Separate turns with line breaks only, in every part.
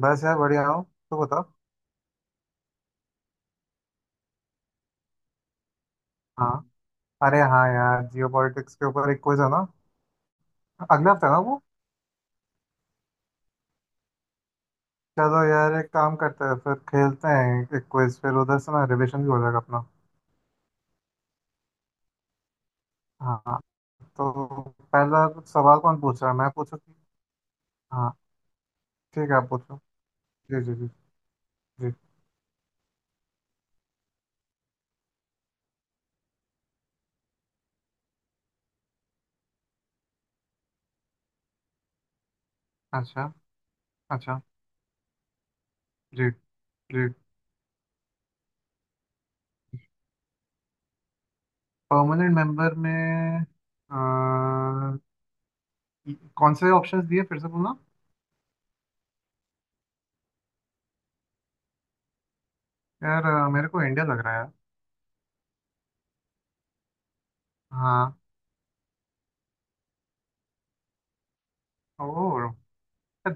बस यार बढ़िया हूँ। तो बताओ। हाँ, अरे हाँ यार, जियो पॉलिटिक्स के ऊपर एक क्विज है ना? अगले हफ्ते है ना वो? चलो यार, एक काम करते हैं, फिर खेलते हैं एक क्विज, फिर उधर से ना रिविजन भी हो जाएगा अपना। हाँ, तो पहला सवाल कौन पूछ रहा है, मैं पूछूँ कि? हाँ, ठीक है आप पूछो। जी जी जी जी। अच्छा, अच्छा। जी जी। परमानेंट मेंबर में। अ, कौन से ऑप्शंस दिए फिर से बोलना। यार मेरे को इंडिया लग रहा है यार। हाँ। ओ।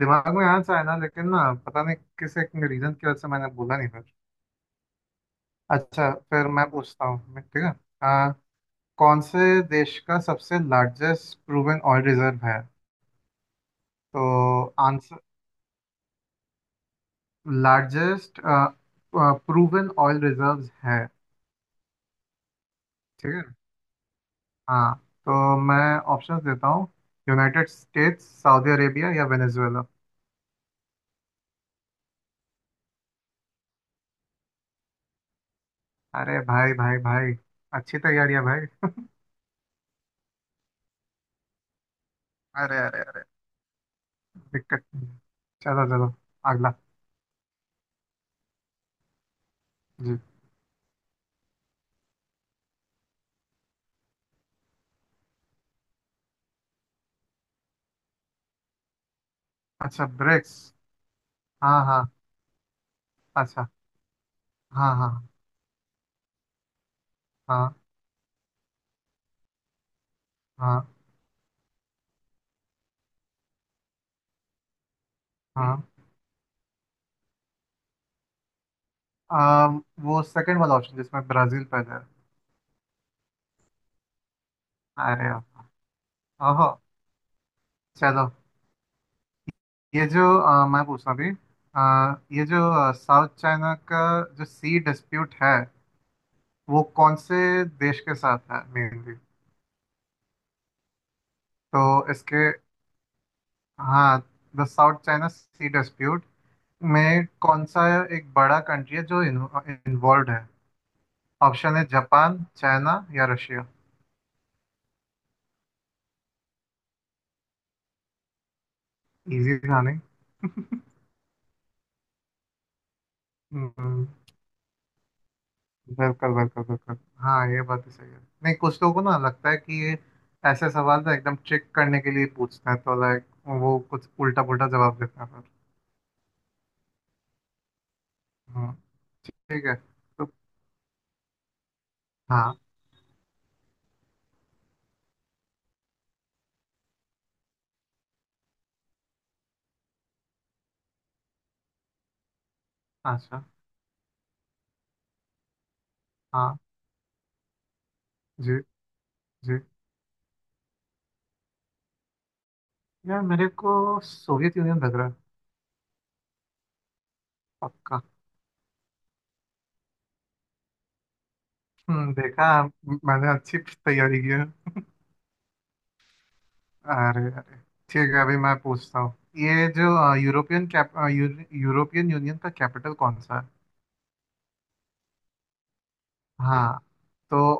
दिमाग में आंसर है ना, लेकिन ना पता नहीं किस एक रीजन की वजह से मैंने बोला नहीं फिर। अच्छा, फिर मैं पूछता हूँ मैं, ठीक है। आ, कौन से देश का सबसे लार्जेस्ट प्रूवन ऑयल रिजर्व है? तो answer, largest proven oil reserves है। ठीक है। हाँ, तो मैं ऑप्शंस देता हूँ। यूनाइटेड स्टेट्स, सऊदी अरेबिया या वेनेजुएला। अरे भाई भाई भाई, अच्छी तैयारी है भाई। अरे अरे अरे, दिक्कत नहीं है। चलो चलो, अगला। जी। अच्छा, ब्रिक्स। हाँ हाँ। अच्छा। हाँ हाँ। हाँ। हाँ हाँ। वो सेकंड वाला ऑप्शन जिसमें ब्राजील पहले है। अरे यार। ओहो। चलो। ये जो आ, मैं पूछना भी आ, ये जो साउथ चाइना का जो सी डिस्प्यूट है, वो कौन से देश के साथ है मेनली? तो इसके, हाँ, the South China sea dispute में कौन सा एक बड़ा कंट्री है जो इन्वॉल्व है? ऑप्शन है जापान, चाइना या रशिया। इजी था नहीं। हम्म, बिल्कुल बिल्कुल बिल्कुल। हाँ, ये बात तो सही है। नहीं, कुछ लोगों को ना लगता है कि ये ऐसे सवाल ना एकदम चेक करने के लिए पूछते हैं, तो लाइक वो कुछ उल्टा पुल्टा जवाब देते हैं फिर। हम्म, ठीक है तो। हाँ। अच्छा। हाँ। जी। जी। यार मेरे को सोवियत यूनियन लग रहा है। पक्का। हम्म, देखा, मैंने अच्छी तैयारी की है। अरे अरे। ठीक है, अभी मैं पूछता हूँ, ये जो यूरोपियन यूनियन का कैपिटल कौन सा है? हाँ, तो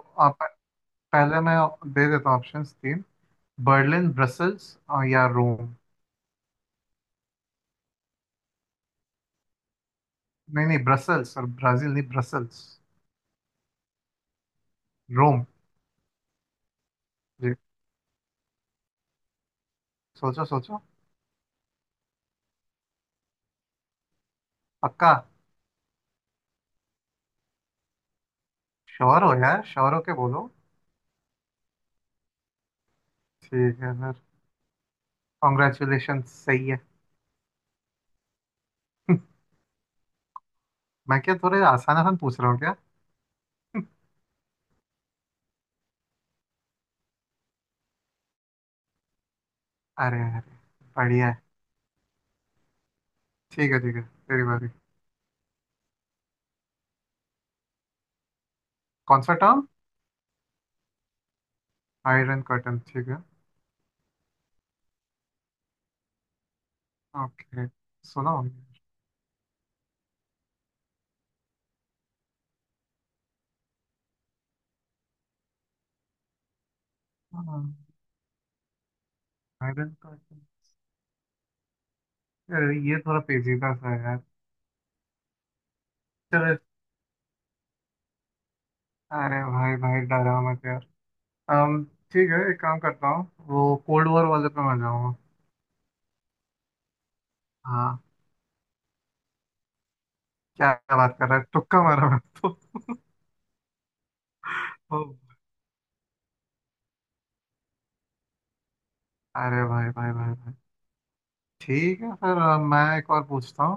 पहले मैं दे देता हूँ ऑप्शंस तीन। बर्लिन, ब्रसल्स और या रोम। नहीं नहीं, ब्रसल्स और ब्राजील नहीं, ब्रसल्स। रोम। जी। सोचो सोचो। पक्का श्योर हो यार, श्योर होके बोलो। ठीक है सर। कॉन्ग्रेचुलेशन, सही है। मैं क्या थोड़े आसान आसान पूछ रहा हूँ क्या? अरे अरे, बढ़िया है। ठीक है ठीक है, तेरी बारी। कौन सा टर्म? आयरन कर्टन, ठीक है। ओके। सुना होगा। आयरन कर्टन, अरे ये थोड़ा पेचीदा सा है यार। चलो। अरे भाई भाई, डरा मत यार। अम, ठीक है, एक काम करता हूँ, वो कोल्ड वॉर वाले पे मैं जाऊँगा। हाँ। क्या बात कर रहा है, तुक्का मारा मैं तो। तो- अरे भाई भाई भाई भाई। ठीक है, फिर मैं एक और पूछता हूँ।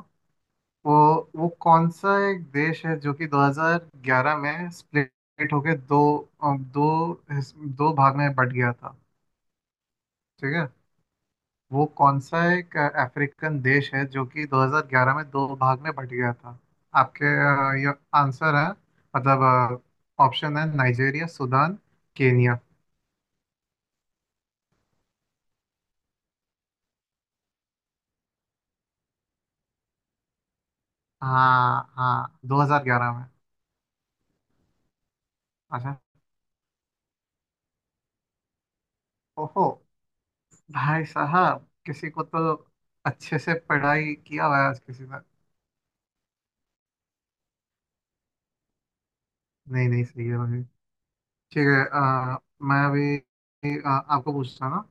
वो वो कौन सा एक देश है जो कि 2011 में स्प्लिट होके दो अ, दो हिस- दो भाग में बट गया था? ठीक है। वो कौन सा एक अफ्रीकन देश है जो कि 2011 में दो भाग में बट गया था? आपके ये आंसर है मतलब। ऑप्शन है नाइजेरिया, सूडान, केनिया। हाँ हाँ, 2011 में। अच्छा। ओहो। भाई साहब, किसी को तो अच्छे से पढ़ाई किया हुआ है आज किसी ने। नहीं नहीं, सही है भाई। ठीक है मैं अभी आपको पूछता हूँ ना।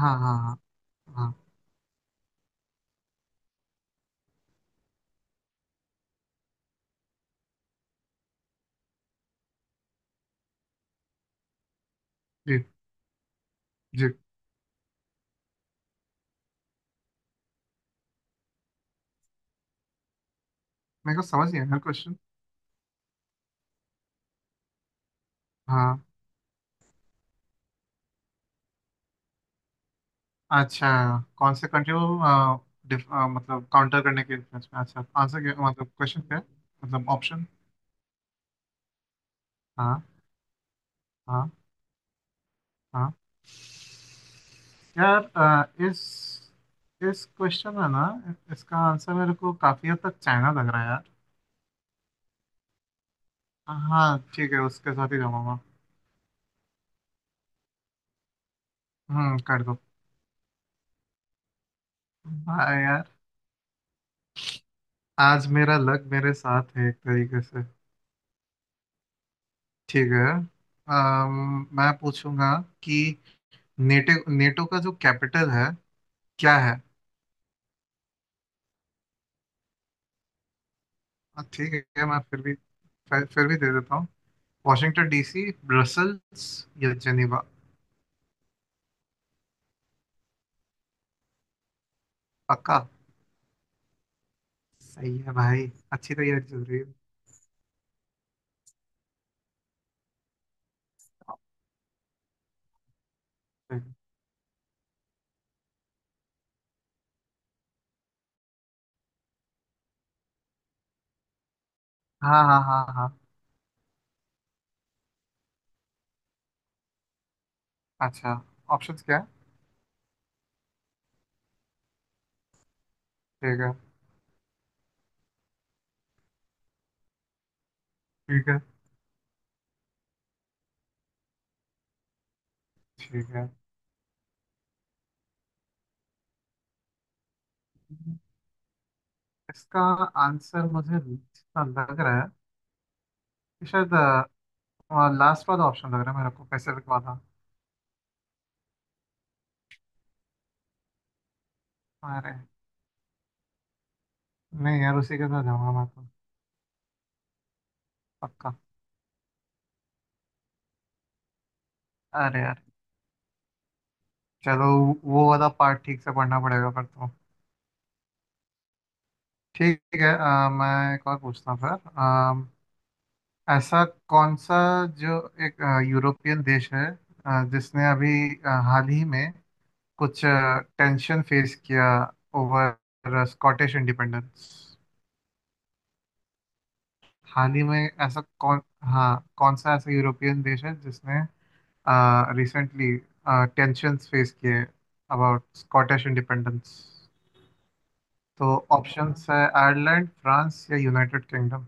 हाँ हाँ हाँ। हाँ। जी। जी। मेरे को समझ नहीं आया क्वेश्चन। हाँ। अच्छा, कौन से कंट्री को मतलब काउंटर करने के डिफेंस में, अच्छा आंसर क्या, मतलब क्वेश्चन क्या है? मतलब ऑप्शन। हाँ। हाँ। हाँ। यार इस क्वेश्चन में ना, इसका आंसर मेरे को काफी हद तक चाइना लग रहा है यार। हाँ ठीक है, उसके साथ ही जाऊंगा। हम्म, कर दो। हाँ यार, आज मेरा लक मेरे साथ है एक तरीके से। ठीक है। मैं पूछूंगा कि नेटो नेटो का जो कैपिटल है, क्या है? हाँ ठीक है, मैं फिर भी, फिर भी दे देता हूँ। वॉशिंगटन डीसी, ब्रसल्स या जेनेवा। पक्का। सही है भाई, अच्छी तैयारी चल रही है, ठीक है। हाँ हाँ हाँ हाँ। अच्छा, ऑप्शंस क्या है? ठीक है। ठीक है। ठीक है। इसका आंसर मुझे जितना लग रहा है कि शायद लास्ट वाला ऑप्शन लग रहा है मेरे को, पैसिफिक वाला। अरे नहीं यार, उसी के साथ जाऊंगा मैं तो। पक्का। अरे यार। चलो, वो वाला पार्ट ठीक से पढ़ना पड़ेगा पर तो। ठीक है मैं एक और पूछता हूँ फिर। ऐसा कौन सा जो एक यूरोपियन देश है जिसने अभी हाल ही में कुछ टेंशन फेस किया ओवर स्कॉटिश इंडिपेंडेंस? हाल ही में ऐसा कौन, हाँ, कौन सा ऐसा यूरोपियन देश है जिसने रिसेंटली टेंशन्स फेस किए अबाउट स्कॉटिश इंडिपेंडेंस? तो ऑप्शंस है आयरलैंड, फ्रांस या यूनाइटेड किंगडम।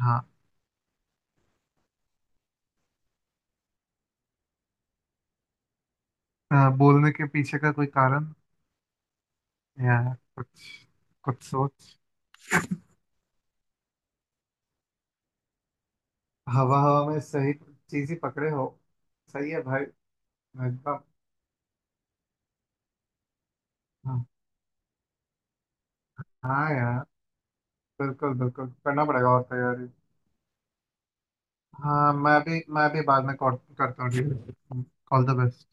हाँ। बोलने के पीछे का कोई कारण या कुछ, कुछ सोच। हवा हवा में सही चीज ही पकड़े हो। सही है भाई। एकदम, हाँ, हाँ यार, बिल्कुल बिल्कुल, करना पड़ेगा और तैयारी। हाँ, मैं भी बाद में कॉल करता हूँ, ठीक है। All the best.